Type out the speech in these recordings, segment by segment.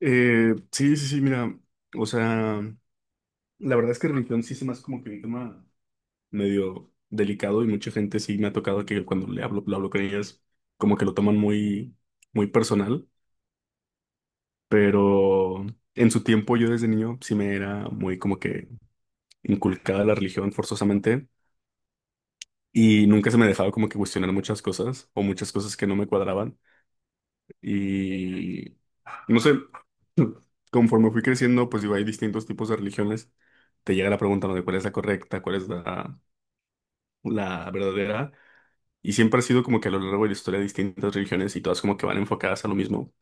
Sí, sí, sí, mira, o sea, la verdad es que religión sí se me hace como que un tema medio delicado, y mucha gente sí me ha tocado que cuando le hablo, lo hablo con ellas, como que lo toman muy personal. Pero en su tiempo, yo desde niño sí me era muy como que inculcada la religión forzosamente, y nunca se me dejaba como que cuestionar muchas cosas o muchas cosas que no me cuadraban. No sé. Conforme fui creciendo, pues digo, hay distintos tipos de religiones. Te llega la pregunta, ¿no?, de cuál es la correcta, cuál es la verdadera. Y siempre ha sido como que a lo largo de la historia distintas religiones, y todas como que van enfocadas a lo mismo.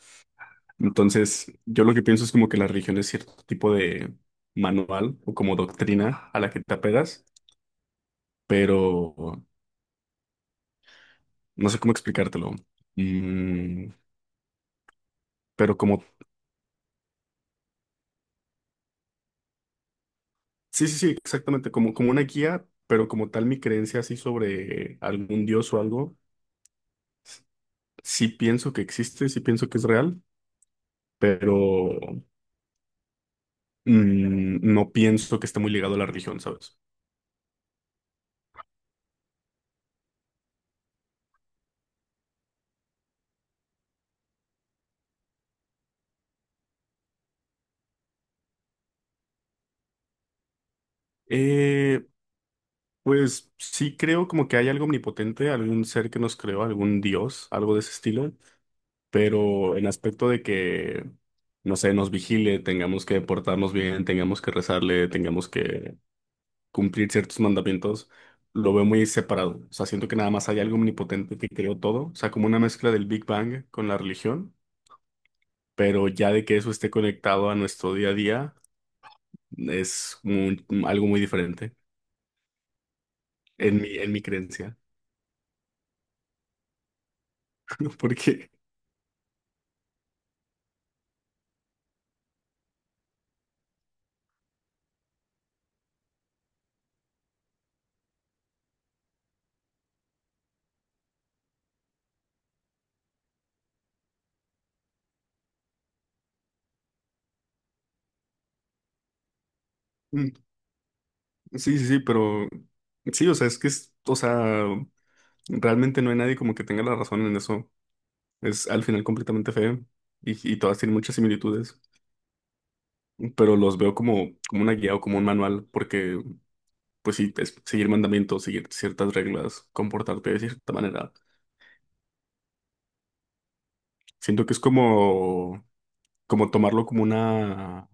Entonces, yo lo que pienso es como que la religión es cierto tipo de manual o como doctrina a la que te apegas, pero no sé cómo explicártelo. Mm, pero como, sí, sí, sí, exactamente, como, como una guía. Pero como tal mi creencia así sobre algún dios o algo, sí pienso que existe, sí pienso que es real, pero no pienso que esté muy ligado a la religión, ¿sabes? Eh, pues sí creo como que hay algo omnipotente, algún ser que nos creó, algún dios, algo de ese estilo, pero en aspecto de que, no sé, nos vigile, tengamos que portarnos bien, tengamos que rezarle, tengamos que cumplir ciertos mandamientos, lo veo muy separado. O sea, siento que nada más hay algo omnipotente que creó todo, o sea, como una mezcla del Big Bang con la religión. Pero ya de que eso esté conectado a nuestro día a día es algo muy diferente en mi creencia. Porque, mm, sí, sí, sí, pero sí, o sea, o sea, realmente no hay nadie como que tenga la razón en eso. Es al final completamente feo, y todas tienen muchas similitudes, pero los veo como, como una guía o como un manual, porque, pues sí, es seguir mandamientos, seguir ciertas reglas, comportarte de cierta manera. Siento que es como, como tomarlo como una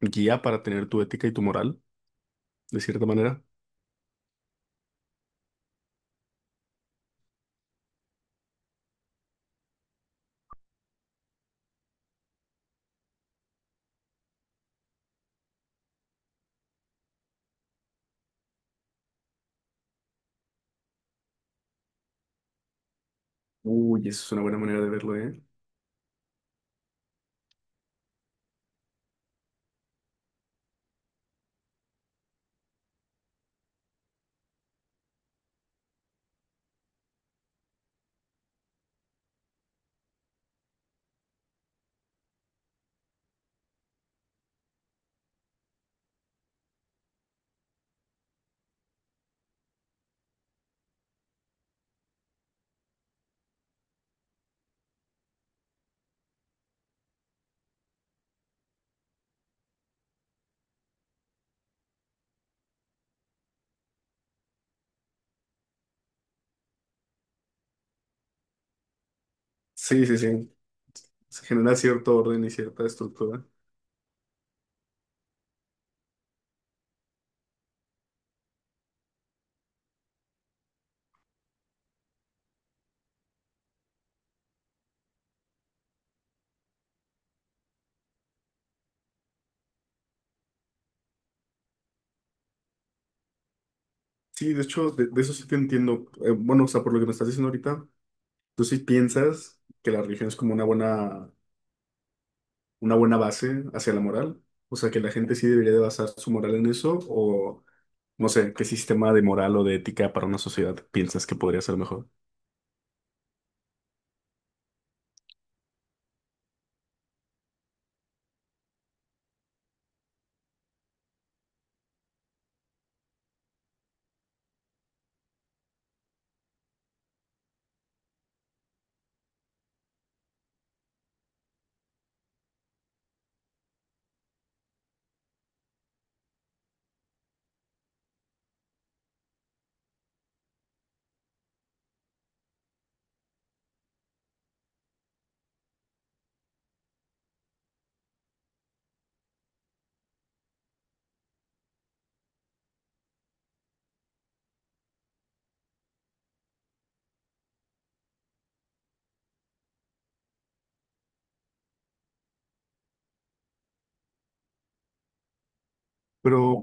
guía para tener tu ética y tu moral, de cierta manera. Uy, eso es una buena manera de verlo, ¿eh? Sí, sí, sí. Se genera cierto orden y cierta estructura. Sí, de hecho, de eso sí te entiendo. Bueno, o sea, por lo que me estás diciendo ahorita, tú sí piensas que la religión es como una buena base hacia la moral. O sea, que la gente sí debería de basar su moral en eso, o no sé, qué sistema de moral o de ética para una sociedad piensas que podría ser mejor. Pero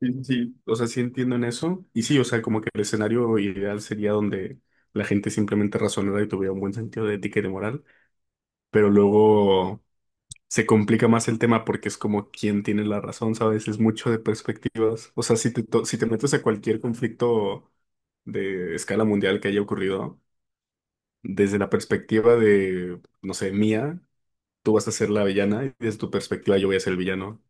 sí, sí, sí, o sea, sí entiendo en eso. Y sí, o sea, como que el escenario ideal sería donde la gente simplemente razonara y tuviera un buen sentido de ética y de moral, pero luego se complica más el tema porque es como quién tiene la razón, ¿sabes? Es mucho de perspectivas. O sea, si te metes a cualquier conflicto de escala mundial que haya ocurrido, desde la perspectiva de, no sé, mía, tú vas a ser la villana, y desde tu perspectiva yo voy a ser el villano.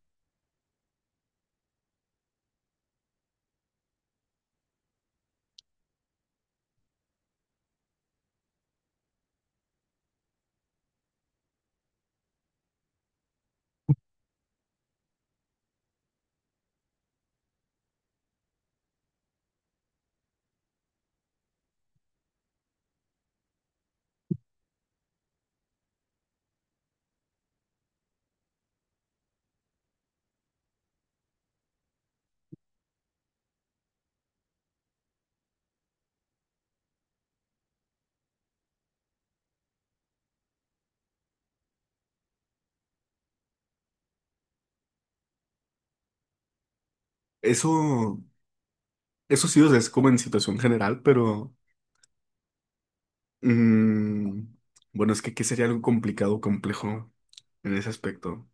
Eso, eso sí, o sea, es como en situación general, pero... Mm, bueno, es que ¿qué sería algo complicado o complejo en ese aspecto?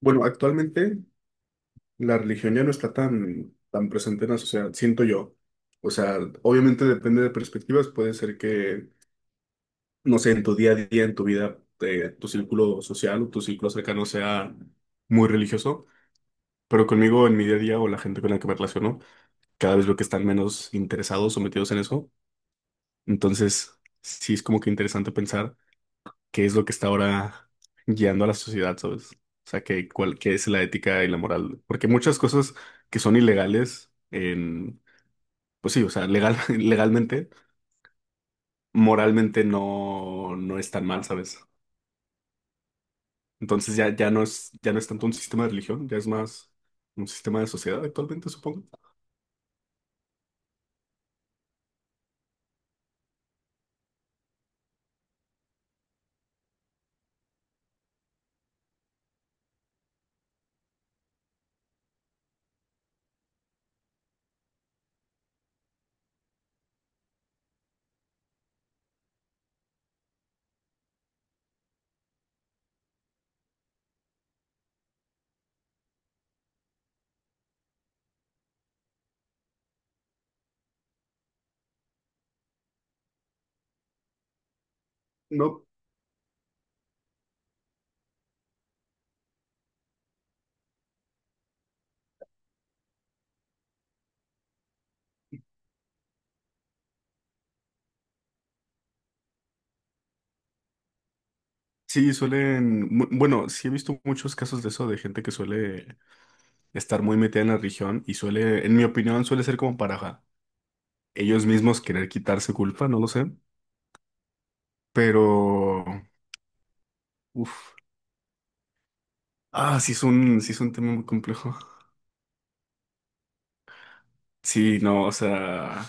Bueno, actualmente la religión ya no está tan presente en la sociedad, siento yo. O sea, obviamente depende de perspectivas, puede ser que, no sé, en tu día a día, en tu vida, tu círculo social o tu círculo cercano sea muy religioso, pero conmigo en mi día a día o la gente con la que me relaciono, cada vez veo que están menos interesados o metidos en eso. Entonces, sí es como que interesante pensar qué es lo que está ahora guiando a la sociedad, ¿sabes? O sea, que, cuál, qué es la ética y la moral. Porque muchas cosas que son ilegales en, pues sí, o sea, legal, legalmente, moralmente no, no es tan mal, ¿sabes? Entonces ya, ya no es tanto un sistema de religión, ya es más un sistema de sociedad actualmente, supongo. No. Sí, suelen, bueno, sí he visto muchos casos de eso, de gente que suele estar muy metida en la religión y suele, en mi opinión, suele ser como para ellos mismos querer quitarse culpa, no lo sé, pero uff, ah, sí es un tema muy complejo. Sí, no, o sea,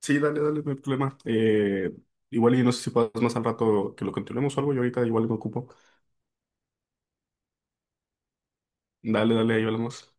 sí, dale, dale, no hay problema. Igual y no sé si puedas más al rato que lo continuemos o algo, yo ahorita igual me ocupo. Dale, dale, ahí hablamos.